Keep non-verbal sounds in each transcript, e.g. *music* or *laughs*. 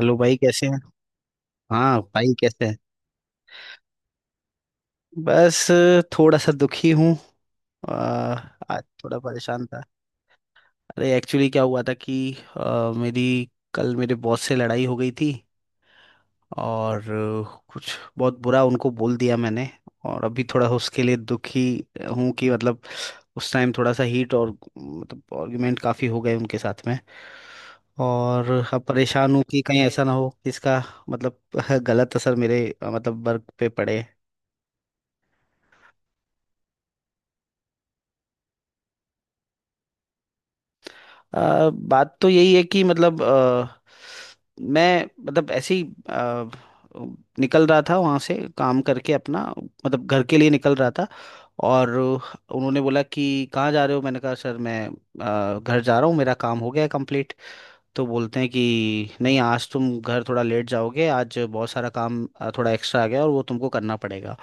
Hello भाई कैसे हैं। हाँ भाई कैसे है। बस थोड़ा सा दुखी हूँ। आ, आज थोड़ा परेशान था। अरे एक्चुअली क्या हुआ था कि मेरी कल मेरे बॉस से लड़ाई हो गई थी। और कुछ बहुत बुरा उनको बोल दिया मैंने। और अभी थोड़ा उसके लिए दुखी हूँ कि मतलब उस टाइम थोड़ा सा हीट और मतलब आर्गुमेंट काफ़ी हो गए उनके साथ में। और अब परेशान हूँ कि कहीं ऐसा ना हो कि इसका मतलब *laughs* गलत असर मेरे मतलब वर्क पे पड़े। बात तो यही है कि मतलब मैं मतलब ऐसे ही अ, निकल रहा था वहाँ से काम करके अपना मतलब घर के लिए निकल रहा था। और उन्होंने बोला कि कहाँ जा रहे हो। मैंने कहा सर मैं घर जा रहा हूँ मेरा काम हो गया है complete। तो बोलते हैं कि नहीं आज तुम घर थोड़ा लेट जाओगे, आज बहुत सारा काम थोड़ा एक्स्ट्रा आ गया और वो तुमको करना पड़ेगा।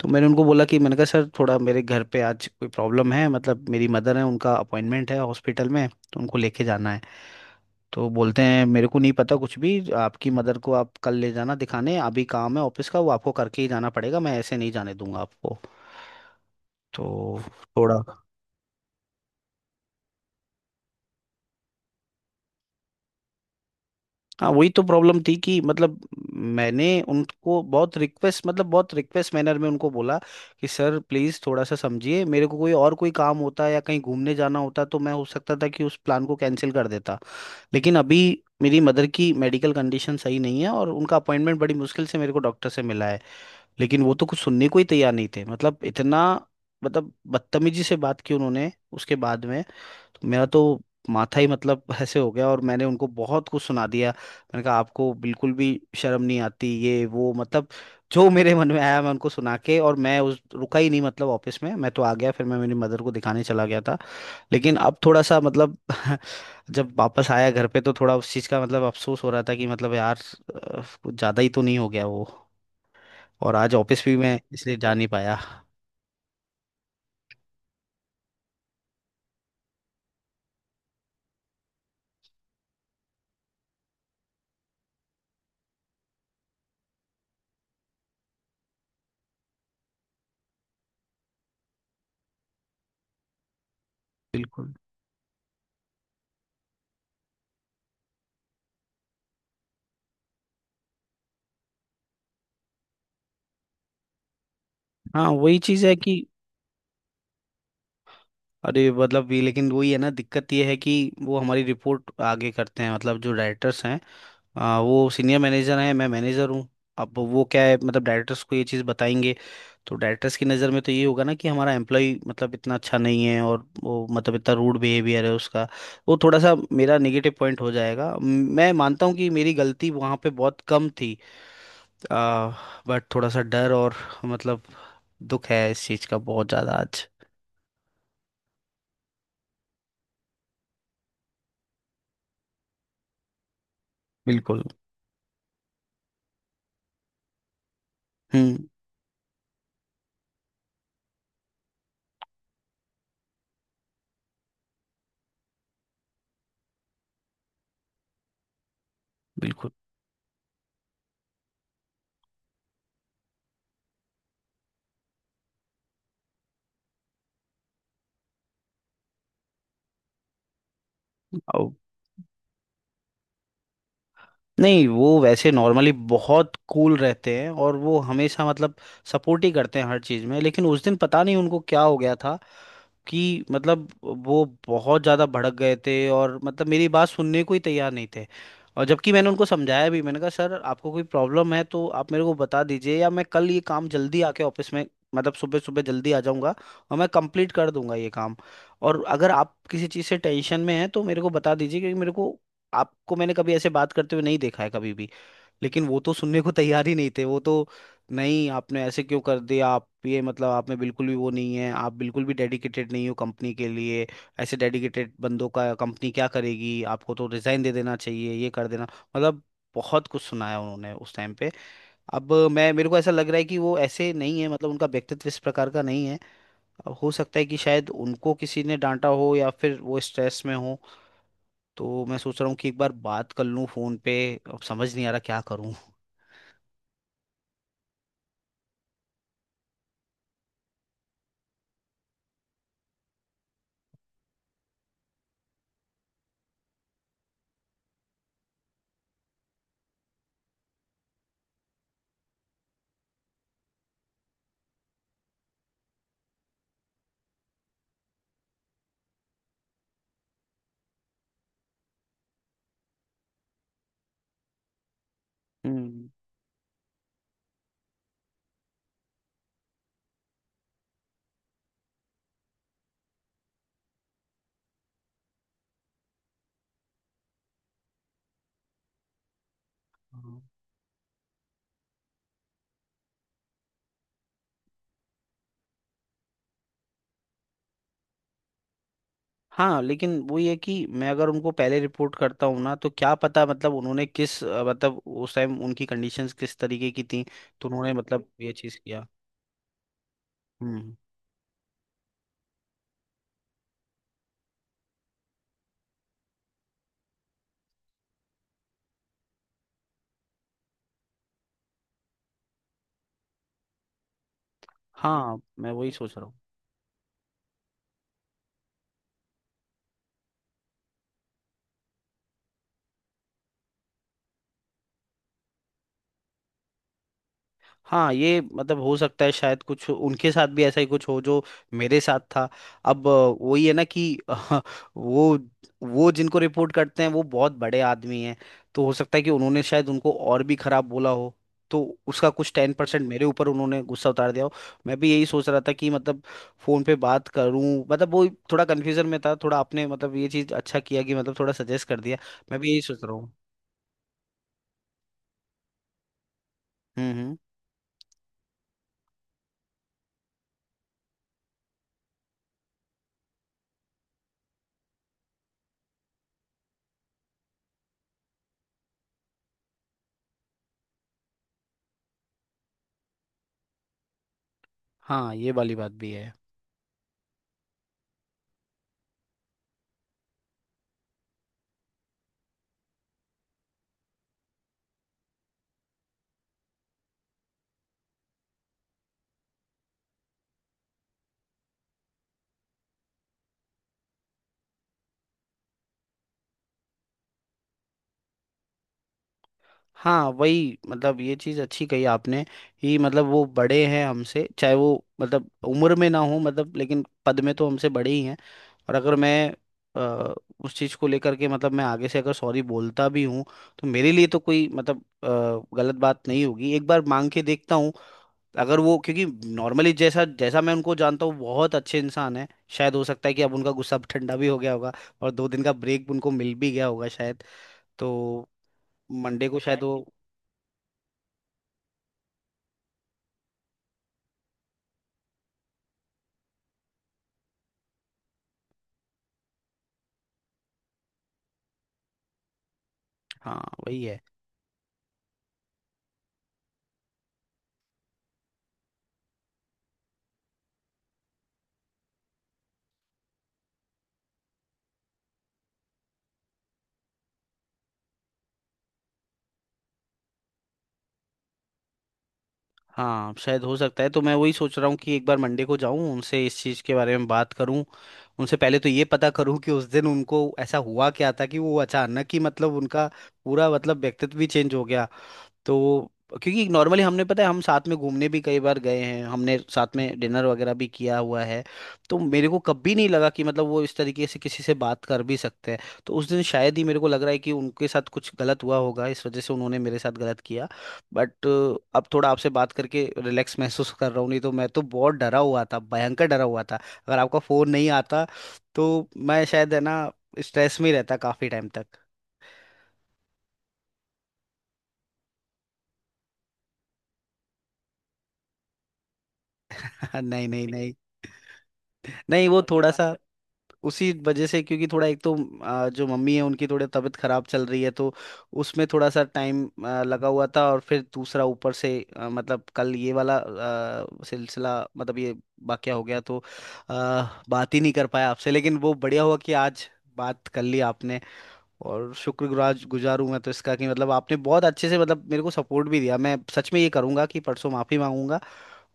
तो मैंने उनको बोला कि मैंने कहा सर थोड़ा मेरे घर पे आज कोई प्रॉब्लम है, मतलब मेरी मदर है उनका अपॉइंटमेंट है हॉस्पिटल में तो उनको लेके जाना है। तो बोलते हैं मेरे को नहीं पता कुछ भी, आपकी मदर को आप कल ले जाना दिखाने, अभी काम है ऑफिस का वो आपको करके ही जाना पड़ेगा, मैं ऐसे नहीं जाने दूंगा आपको। तो थोड़ा। हाँ, वही तो प्रॉब्लम थी कि मतलब मैंने उनको बहुत रिक्वेस्ट मतलब बहुत रिक्वेस्ट मैनर में उनको बोला कि सर प्लीज़ थोड़ा सा समझिए, मेरे को कोई और कोई काम होता या कहीं घूमने जाना होता तो मैं हो सकता था कि उस प्लान को कैंसिल कर देता, लेकिन अभी मेरी मदर की मेडिकल कंडीशन सही नहीं है और उनका अपॉइंटमेंट बड़ी मुश्किल से मेरे को डॉक्टर से मिला है। लेकिन वो तो कुछ सुनने को ही तैयार नहीं थे, मतलब इतना मतलब बदतमीजी से बात की उन्होंने उसके बाद में। तो मेरा तो माथा ही मतलब ऐसे हो गया और मैंने उनको बहुत कुछ सुना दिया। मैंने कहा आपको बिल्कुल भी शर्म नहीं आती, ये वो मतलब जो मेरे मन में आया मैं उनको सुना के, और मैं उस रुका ही नहीं, मतलब ऑफिस में मैं तो आ गया, फिर मैं मेरी मदर को दिखाने चला गया था। लेकिन अब थोड़ा सा मतलब *laughs* जब वापस आया घर पे तो थोड़ा उस चीज़ का मतलब अफसोस हो रहा था कि मतलब यार कुछ ज़्यादा ही तो नहीं हो गया वो। और आज ऑफिस भी मैं इसलिए जा नहीं पाया। बिल्कुल। हाँ, वही चीज़ है कि अरे मतलब भी लेकिन वही है ना, दिक्कत ये है कि वो हमारी रिपोर्ट आगे करते हैं, मतलब जो डायरेक्टर्स हैं, वो सीनियर मैनेजर हैं, मैं मैनेजर हूँ। अब वो क्या है मतलब डायरेक्टर्स को ये चीज़ बताएंगे, तो डायरेक्टर्स की नज़र में तो ये होगा ना कि हमारा एम्प्लॉय मतलब इतना अच्छा नहीं है और वो मतलब इतना रूड बिहेवियर है उसका। वो थोड़ा सा मेरा नेगेटिव पॉइंट हो जाएगा। मैं मानता हूँ कि मेरी गलती वहाँ पे बहुत कम थी, बट थोड़ा सा डर और मतलब दुख है इस चीज़ का बहुत ज़्यादा आज। बिल्कुल। हम्म। बिल्कुल। नहीं वो वैसे नॉर्मली बहुत कूल रहते हैं और वो हमेशा मतलब सपोर्ट ही करते हैं हर चीज़ में, लेकिन उस दिन पता नहीं उनको क्या हो गया था कि मतलब वो बहुत ज़्यादा भड़क गए थे और मतलब मेरी बात सुनने को ही तैयार नहीं थे। और जबकि मैंने उनको समझाया भी, मैंने कहा सर आपको कोई प्रॉब्लम है तो आप मेरे को बता दीजिए, या मैं कल ये काम जल्दी आके ऑफिस में मतलब सुबह सुबह जल्दी आ जाऊंगा और मैं कंप्लीट कर दूंगा ये काम, और अगर आप किसी चीज़ से टेंशन में हैं तो मेरे को बता दीजिए, क्योंकि मेरे को आपको मैंने कभी ऐसे बात करते हुए नहीं देखा है कभी भी। लेकिन वो तो सुनने को तैयार ही नहीं थे, वो तो नहीं आपने ऐसे क्यों कर दिया, आप ये मतलब आप में बिल्कुल भी वो नहीं है, आप बिल्कुल भी डेडिकेटेड नहीं हो कंपनी के लिए, ऐसे डेडिकेटेड बंदों का कंपनी क्या करेगी, आपको तो रिजाइन दे देना चाहिए ये कर देना, मतलब बहुत कुछ सुनाया उन्होंने उस टाइम पे। अब मैं मेरे को ऐसा लग रहा है कि वो ऐसे नहीं है, मतलब उनका व्यक्तित्व इस प्रकार का नहीं है। अब हो सकता है कि शायद उनको किसी ने डांटा हो या फिर वो स्ट्रेस में हो, तो मैं सोच रहा हूँ कि एक बार बात कर लूँ फोन पे, अब समझ नहीं आ रहा क्या करूँ। हम्म। हाँ। हाँ, लेकिन वही है कि मैं अगर उनको पहले रिपोर्ट करता हूँ ना, तो क्या पता मतलब उन्होंने किस मतलब उस टाइम उनकी कंडीशंस किस तरीके की थी, तो उन्होंने मतलब ये चीज़ किया। हम्म। हाँ, मैं वही सोच रहा हूँ। हाँ ये मतलब हो सकता है शायद कुछ उनके साथ भी ऐसा ही कुछ हो जो मेरे साथ था। अब वही है ना कि *laughs* वो जिनको रिपोर्ट करते हैं वो बहुत बड़े आदमी हैं, तो हो सकता है कि उन्होंने शायद उनको और भी खराब बोला हो, तो उसका कुछ 10% मेरे ऊपर उन्होंने गुस्सा उतार दिया हो। मैं भी यही सोच रहा था कि मतलब फोन पे बात करूं, मतलब वो थोड़ा कन्फ्यूजन में था, थोड़ा आपने मतलब ये चीज अच्छा किया कि मतलब थोड़ा सजेस्ट कर दिया। मैं भी यही सोच रहा हूँ। हम्म। हम्म। हाँ, ये वाली बात भी है। हाँ वही मतलब ये चीज़ अच्छी कही आपने कि मतलब वो बड़े हैं हमसे, चाहे वो मतलब उम्र में ना हो मतलब, लेकिन पद में तो हमसे बड़े ही हैं। और अगर मैं अ, उस चीज़ को लेकर के मतलब मैं आगे से अगर सॉरी बोलता भी हूँ तो मेरे लिए तो कोई मतलब गलत बात नहीं होगी, एक बार मांग के देखता हूँ। अगर वो क्योंकि नॉर्मली जैसा जैसा मैं उनको जानता हूँ, बहुत अच्छे इंसान है। शायद हो सकता है कि अब उनका गुस्सा ठंडा भी हो गया होगा और 2 दिन का ब्रेक उनको मिल भी गया होगा शायद, तो मंडे को शायद वो। हाँ वही है। हाँ शायद हो सकता है, तो मैं वही सोच रहा हूँ कि एक बार मंडे को जाऊँ उनसे इस चीज़ के बारे में बात करूँ, उनसे पहले तो ये पता करूँ कि उस दिन उनको ऐसा हुआ क्या था कि वो अचानक ही मतलब उनका पूरा मतलब व्यक्तित्व भी चेंज हो गया, तो क्योंकि नॉर्मली हमने पता है हम साथ में घूमने भी कई बार गए हैं, हमने साथ में डिनर वगैरह भी किया हुआ है, तो मेरे को कभी नहीं लगा कि मतलब वो इस तरीके से किसी से बात कर भी सकते हैं। तो उस दिन शायद ही मेरे को लग रहा है कि उनके साथ कुछ गलत हुआ होगा, इस वजह से उन्होंने मेरे साथ गलत किया। बट अब थोड़ा आपसे बात करके रिलैक्स महसूस कर रहा हूँ, नहीं तो मैं तो बहुत डरा हुआ था, भयंकर डरा हुआ था। अगर आपका फोन नहीं आता तो मैं शायद है ना स्ट्रेस में ही रहता काफी टाइम तक। *laughs* नहीं, नहीं, नहीं। नहीं वो थोड़ा सा उसी वजह से, क्योंकि थोड़ा एक तो जो मम्मी है उनकी थोड़ी तबीयत खराब चल रही है, तो उसमें थोड़ा सा टाइम लगा हुआ था, और फिर दूसरा ऊपर से मतलब कल ये वाला सिलसिला मतलब ये वाकया हो गया, तो आ, बात ही नहीं कर पाया आपसे। लेकिन वो बढ़िया हुआ कि आज बात कर ली आपने, और शुक्रगुजार गुजार हूं मैं तो इसका कि मतलब आपने बहुत अच्छे से मतलब मेरे को सपोर्ट भी दिया। मैं सच में ये करूंगा कि परसों माफी मांगूंगा,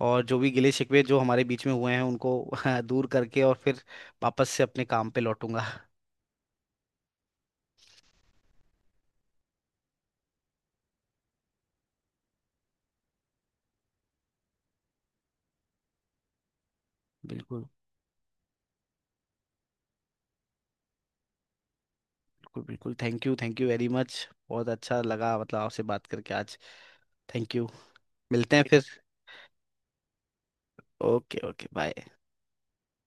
और जो भी गिले शिकवे जो हमारे बीच में हुए हैं उनको *laughs* दूर करके और फिर वापस से अपने काम पे लौटूंगा। बिल्कुल। बिल्कुल। बिल्कुल। Thank you. Thank you very much. बहुत अच्छा लगा मतलब आपसे बात करके आज। Thank you. मिलते हैं फिर। Okay, okay, bye.